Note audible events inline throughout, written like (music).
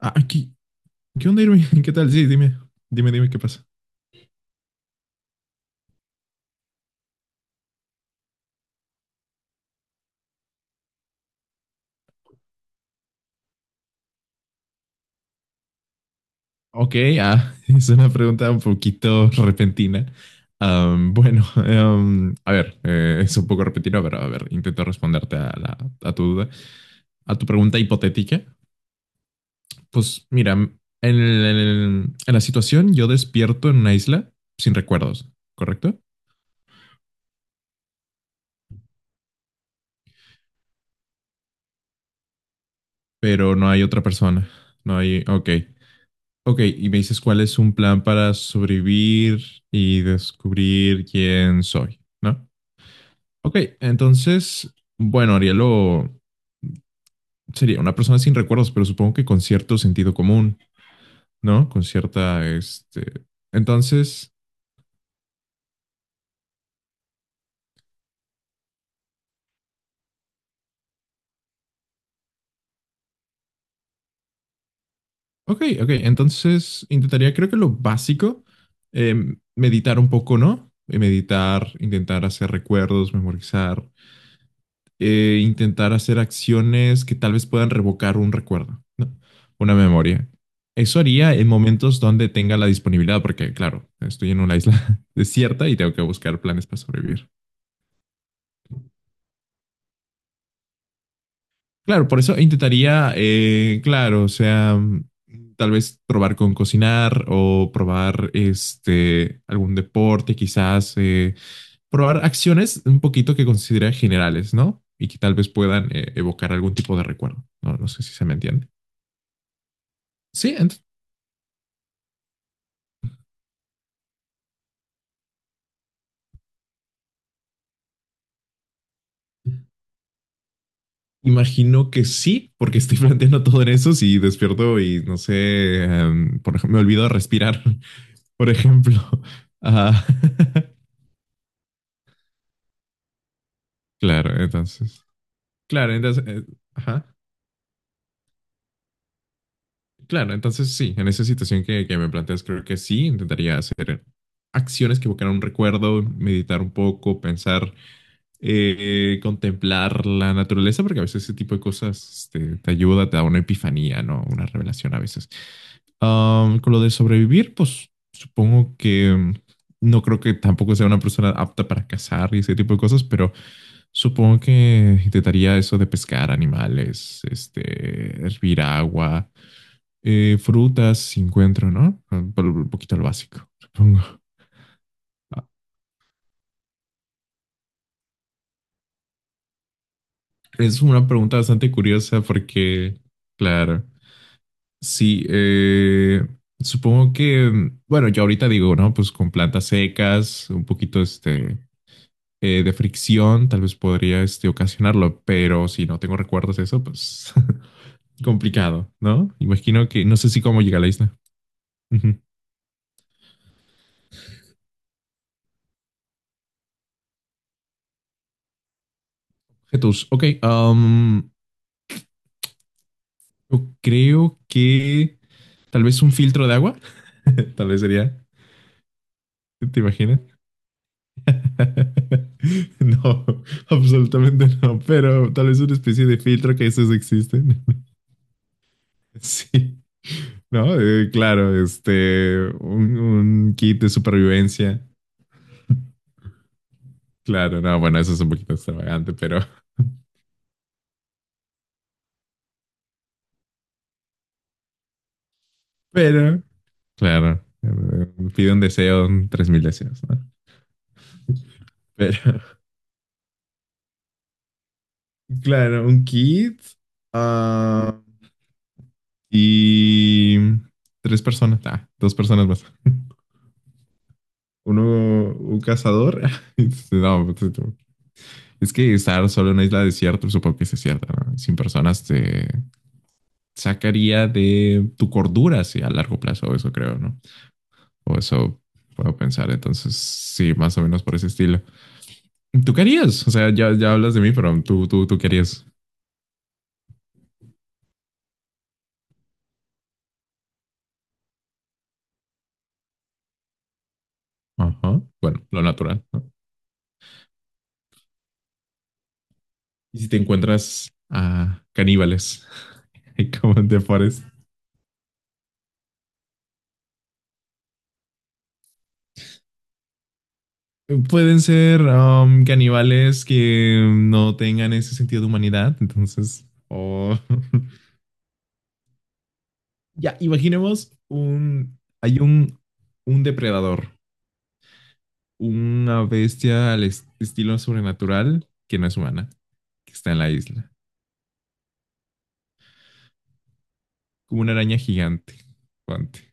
Ah, ¿qué, Qué onda, Irving? (laughs) ¿Qué tal? Sí, dime, dime qué pasa. Ok, (laughs) es una pregunta un poquito repentina. Bueno, (laughs) a ver, es un poco repentino, pero a ver, intento responderte a tu duda, a tu pregunta hipotética. Pues mira, en la situación yo despierto en una isla sin recuerdos, ¿correcto? Pero no hay otra persona, no hay, ok. Ok, y me dices cuál es un plan para sobrevivir y descubrir quién soy, ¿no? Ok, entonces, bueno, Arielo sería una persona sin recuerdos, pero supongo que con cierto sentido común, ¿no? Con cierta, este... Entonces, ok, ok, entonces intentaría, creo que lo básico, meditar un poco, ¿no? Meditar, intentar hacer recuerdos, memorizar, intentar hacer acciones que tal vez puedan revocar un recuerdo, ¿no? Una memoria. Eso haría en momentos donde tenga la disponibilidad, porque claro, estoy en una isla (laughs) desierta y tengo que buscar planes para sobrevivir. Claro, por eso intentaría, claro, o sea, tal vez probar con cocinar o probar este algún deporte, quizás probar acciones un poquito que considera generales, ¿no? Y que tal vez puedan evocar algún tipo de recuerdo. No, no sé si se me entiende. Sí, imagino que sí, porque estoy (laughs) planteando todo en eso si despierto y no sé, por ejemplo, me olvido de respirar, (laughs) por ejemplo. Ah, (laughs) claro, entonces. Claro, entonces, ajá. Claro, entonces sí, en esa situación que me planteas, creo que sí, intentaría hacer acciones que evocaran un recuerdo, meditar un poco, pensar contemplar la naturaleza, porque a veces ese tipo de cosas este, te ayuda, te da una epifanía, ¿no? Una revelación a veces. Ah, con lo de sobrevivir, pues supongo que no creo que tampoco sea una persona apta para cazar y ese tipo de cosas, pero supongo que intentaría eso de pescar animales, este, hervir agua, frutas, si encuentro, ¿no? Un poquito lo básico, supongo. Ah, es una pregunta bastante curiosa porque, claro. Sí, supongo que, bueno, yo ahorita digo, ¿no? Pues con plantas secas, un poquito este, de fricción, tal vez podría este, ocasionarlo, pero si no tengo recuerdos de eso, pues (laughs) complicado, ¿no? Imagino que, no sé si cómo llega a la isla. Ujú. Jesús, ok, yo creo que tal vez un filtro de agua, (laughs) tal vez sería, ¿te imaginas? (laughs) No, absolutamente no, pero tal vez una especie de filtro que esos existen. (laughs) Sí, no, claro, este, un kit de supervivencia. Claro, no, bueno, eso es un poquito extravagante, pero, (laughs) pero, claro, pide un deseo, tres mil deseos, ¿no? Pero, (laughs) claro, un kit ah, y tres personas, ah, dos personas más. Uno, un cazador. (laughs) No, pues, es que estar solo en una isla desierta, supongo que sí es desierta, ¿no? Sin personas te sacaría de tu cordura, sí, a largo plazo, eso creo, ¿no? O eso puedo pensar, entonces sí, más o menos por ese estilo. ¿Tú querías? O sea, ya, ya hablas de mí, pero tú, tú querías. Ajá. Bueno, lo natural, ¿no? Y si te encuentras a caníbales, (laughs) como en The Forest. Pueden ser caníbales que no tengan ese sentido de humanidad, entonces, o (laughs) oh. Ya, imaginemos un depredador, una bestia al estilo sobrenatural que no es humana, que está en la isla, como una araña gigante. Guante.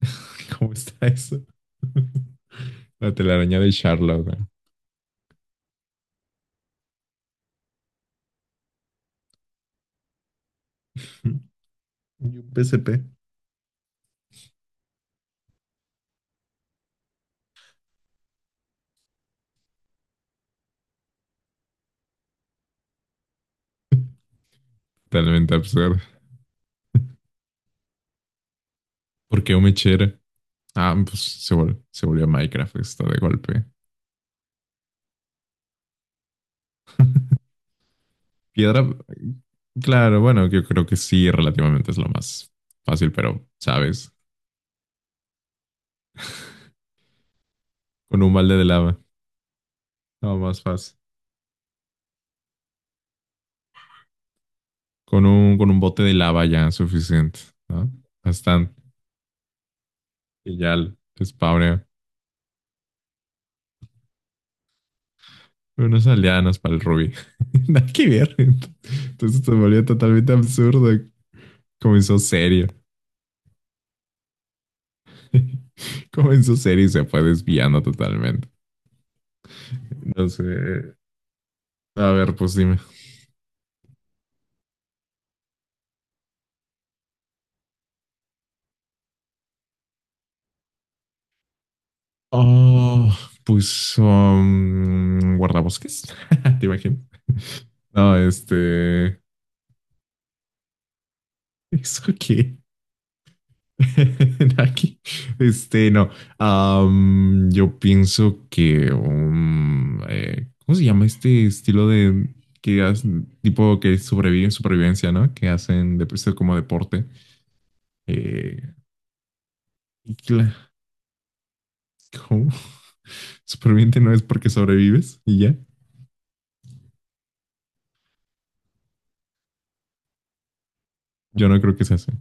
(laughs) ¿Cómo está eso? (laughs) La telaraña de Charlotte. ¿No? Y un PSP. Totalmente absurdo. ¿Por qué un mechero? Ah, pues se volvió Minecraft esto de golpe. Piedra, claro, bueno, yo creo que sí, relativamente es lo más fácil, pero, ¿sabes? Con un balde de lava. No, más fácil. Con un bote de lava ya es suficiente, ¿no? Bastante. Y ya l- Spawné unas aldeanas para el ruby. (laughs) Nada que ver. Entonces se volvió totalmente absurdo. Comenzó serio. (laughs) Comenzó serio y se fue desviando totalmente. No sé. A ver, pues dime. Oh, pues guardabosques. (laughs) ¿Te imaginas? No, este. ¿Eso qué? (laughs) Aquí, este, no. Yo pienso que, ¿cómo se llama este estilo de tipo que sobreviven supervivencia, ¿no? Que hacen de esto como deporte. Eh, y cla- ¿Cómo? (laughs) Superviviente no es porque sobrevives y ya. Yo no creo que se hace.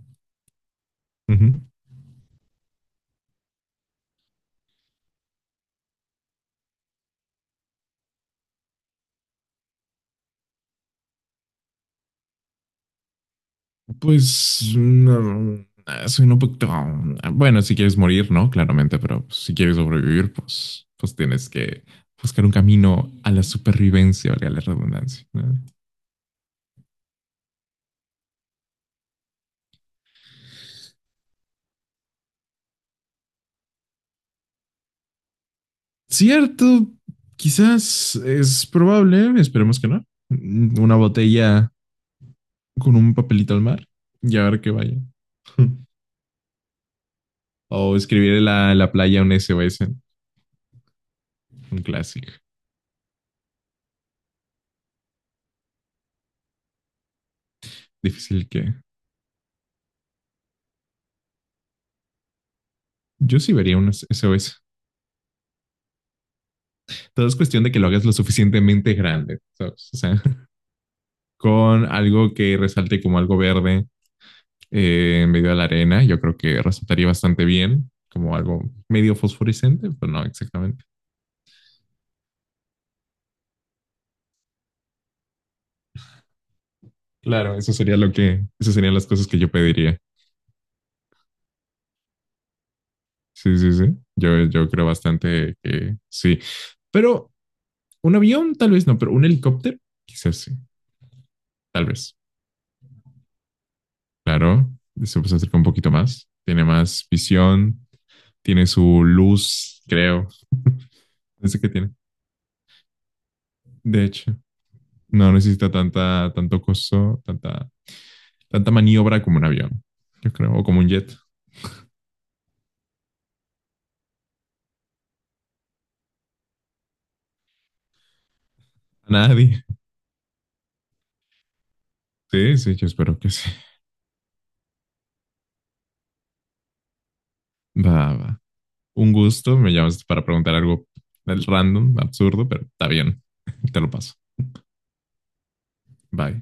Pues no, ah, soy un poquito... Ah, bueno, si quieres morir, ¿no? Claramente, pero pues, si quieres sobrevivir, pues, pues tienes que buscar un camino a la supervivencia, valga la redundancia, ¿no? Cierto, quizás es probable, esperemos que no. Una botella con un papelito al mar y a ver qué vaya. (laughs) O escribir en la playa un SOS, un clásico. Difícil que... Yo sí vería un SOS. Todo es cuestión de que lo hagas lo suficientemente grande, ¿sabes? O sea, (laughs) con algo que resalte como algo verde en medio de la arena, yo creo que resaltaría bastante bien, como algo medio fosforescente, pero no exactamente. Claro, eso sería lo que, esas serían las cosas que yo pediría. Sí, sí, sí. Yo creo bastante que sí. Pero un avión, tal vez no, pero un helicóptero, quizás sí, tal vez. Claro, se puede acercar un poquito más. Tiene más visión, tiene su luz, creo. No sé qué tiene. De hecho, no necesita tanto costo, tanta maniobra como un avión, yo creo, o como un jet. A nadie. Sí, sí, yo espero que sí. Va, va. Un gusto, me llamas para preguntar algo random, absurdo, pero está bien. Te lo paso. Bye.